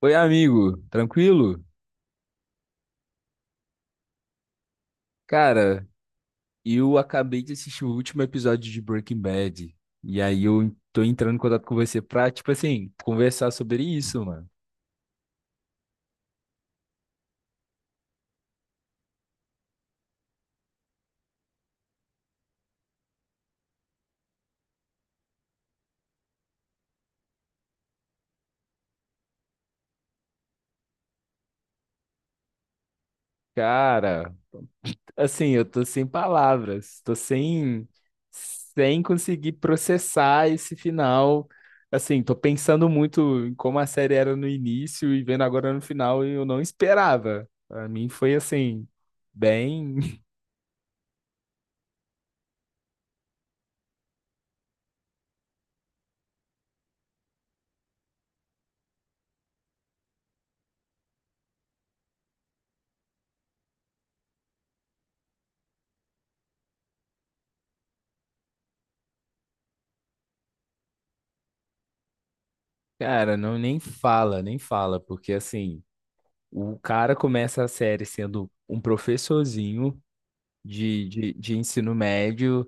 Oi, amigo, tranquilo? Cara, eu acabei de assistir o último episódio de Breaking Bad. E aí eu tô entrando em contato com você pra, tipo assim, conversar sobre isso, mano. Cara, assim, eu tô sem palavras, tô sem, sem conseguir processar esse final. Assim, tô pensando muito em como a série era no início e vendo agora no final, e eu não esperava. Pra mim foi assim, bem. Cara, não nem fala, nem fala, porque assim. O cara começa a série sendo um professorzinho de ensino médio,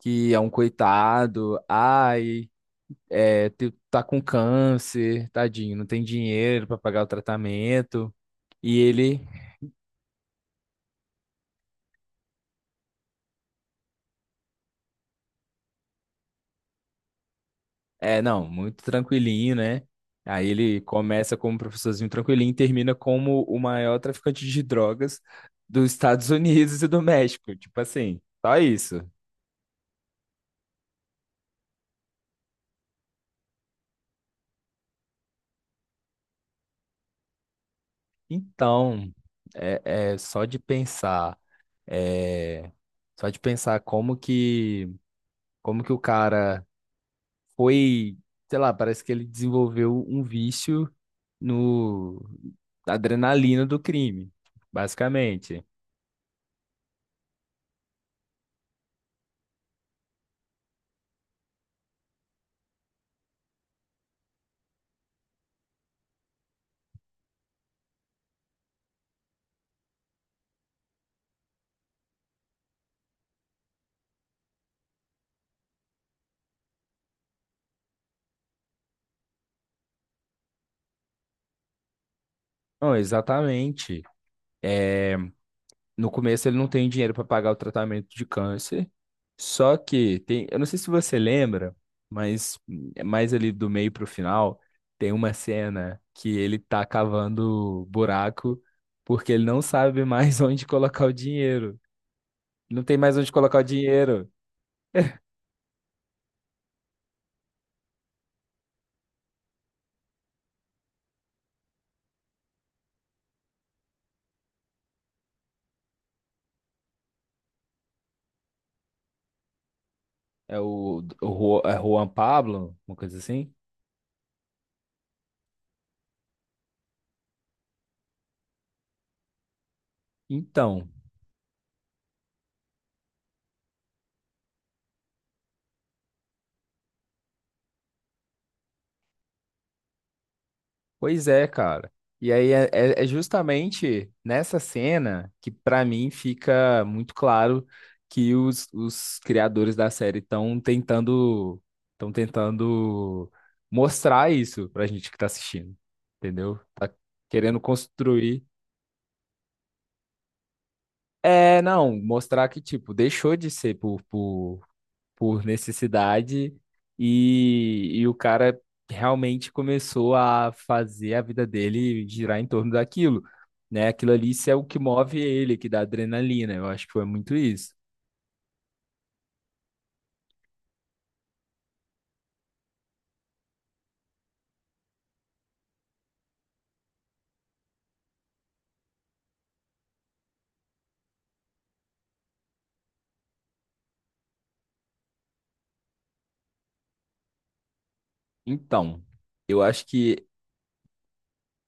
que é um coitado, ai, é, tá com câncer, tadinho, não tem dinheiro para pagar o tratamento. E ele é, não, muito tranquilinho, né? Aí ele começa como professorzinho tranquilinho e termina como o maior traficante de drogas dos Estados Unidos e do México. Tipo assim, só isso. Então, é, é só de pensar, é, só de pensar como que o cara foi, sei lá, parece que ele desenvolveu um vício no na adrenalina do crime, basicamente. Não, exatamente. É, no começo ele não tem dinheiro para pagar o tratamento de câncer. Só que tem, eu não sei se você lembra, mas é mais ali do meio pro final, tem uma cena que ele tá cavando buraco porque ele não sabe mais onde colocar o dinheiro. Não tem mais onde colocar o dinheiro. É o, é Juan Pablo, uma coisa assim. Então, pois é, cara. E aí é, é justamente nessa cena que pra mim fica muito claro que os criadores da série estão tentando, estão tentando mostrar isso pra gente que tá assistindo, entendeu? Tá querendo construir. É, não, mostrar que tipo, deixou de ser por por necessidade e o cara realmente começou a fazer a vida dele girar em torno daquilo, né? Aquilo ali isso é o que move ele, que dá adrenalina. Eu acho que foi muito isso. Então, eu acho que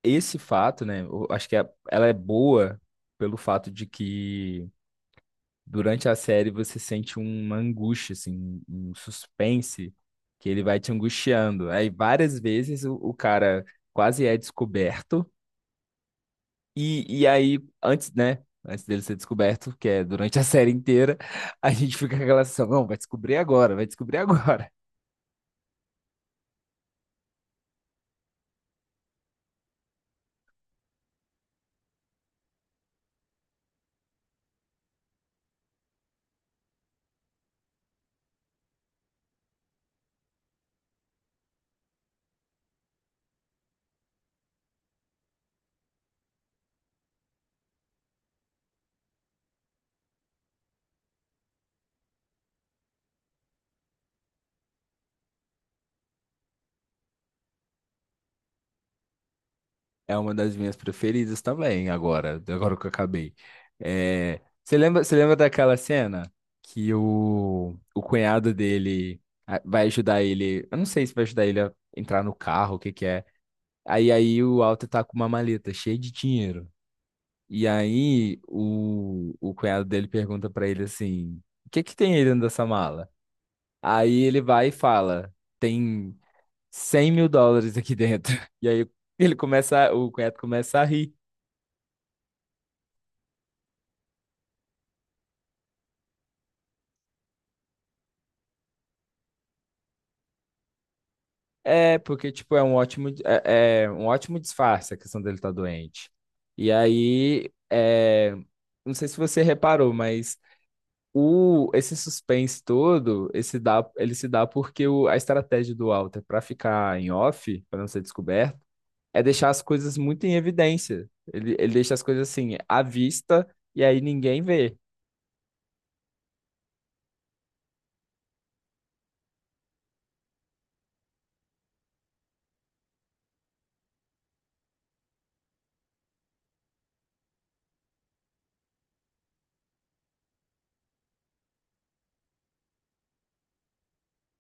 esse fato, né? Eu acho que ela é boa pelo fato de que durante a série você sente uma angústia, assim, um suspense que ele vai te angustiando. Aí várias vezes o cara quase é descoberto. E aí, antes, né? Antes dele ser descoberto, que é durante a série inteira, a gente fica com aquela sensação, não, vai descobrir agora, vai descobrir agora. É uma das minhas preferidas também, agora, agora que eu acabei. É, você lembra daquela cena que o cunhado dele ah, vai ajudar ele, eu não sei se vai ajudar ele a entrar no carro, o que que é. Aí, aí o Walter tá com uma maleta cheia de dinheiro. E aí o cunhado dele pergunta pra ele assim: o que que tem aí dentro dessa mala? Aí ele vai e fala: tem US$ 100.000 aqui dentro. E aí ele começa, o cunhado começa a rir. É, porque tipo, é um ótimo, é, é um ótimo disfarce a questão dele estar doente. E aí, é, não sei se você reparou, mas o, esse suspense todo, esse dá, ele se dá porque o, a estratégia do Walter para ficar em off, para não ser descoberto, é deixar as coisas muito em evidência. Ele deixa as coisas assim, à vista, e aí ninguém vê.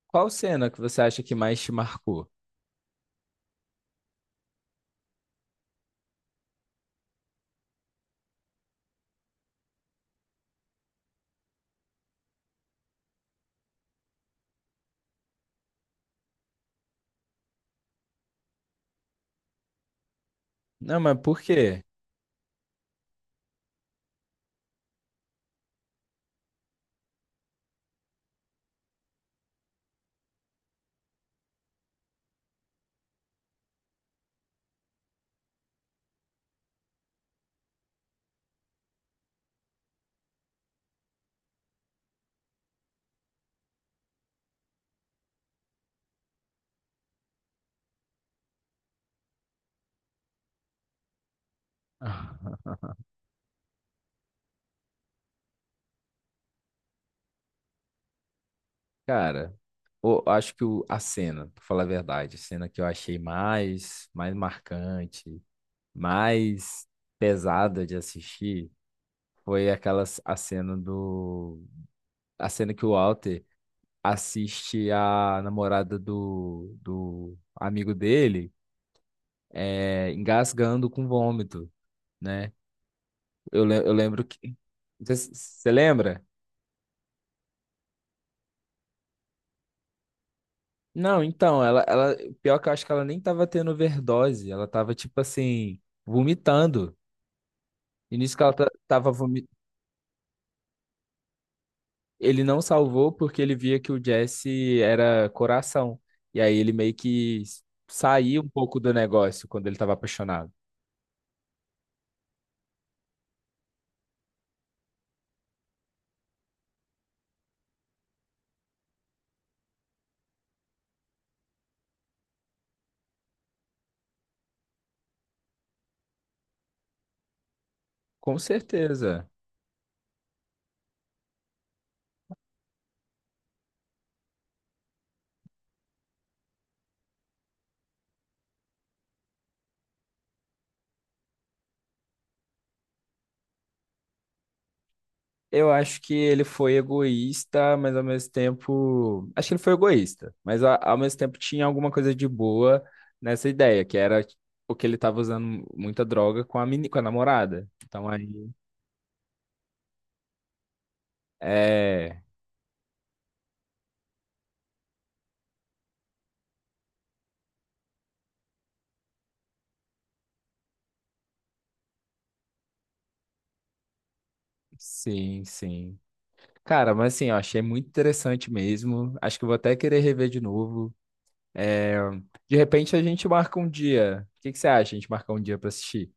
Qual cena que você acha que mais te marcou? Não, mas por quê? Cara, eu acho que a cena, pra falar a verdade, a cena que eu achei mais, mais marcante, mais pesada de assistir, foi aquela a cena do, a cena que o Walter assiste a namorada do, do amigo dele é, engasgando com vômito, né? Eu, eu lembro que. Você lembra? Não, então, ela, ela. Pior que eu acho que ela nem tava tendo overdose, ela tava, tipo assim, vomitando. E nisso que ela tava vomitando. Ele não salvou porque ele via que o Jesse era coração. E aí ele meio que saiu um pouco do negócio quando ele tava apaixonado. Com certeza. Eu acho que ele foi egoísta, mas ao mesmo tempo. Acho que ele foi egoísta, mas ao mesmo tempo tinha alguma coisa de boa nessa ideia, que era o que ele estava usando muita droga com a, meni... com a namorada. Então aí. É. Sim, sim. Cara, mas assim, eu achei muito interessante mesmo. Acho que eu vou até querer rever de novo. É, de repente a gente marca um dia. O que que você acha? A gente marca um dia pra assistir?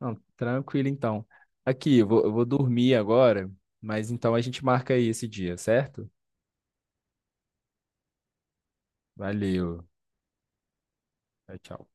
Não, tranquilo então. Aqui, eu vou dormir agora, mas então a gente marca aí esse dia, certo? Valeu. Tchau, tchau.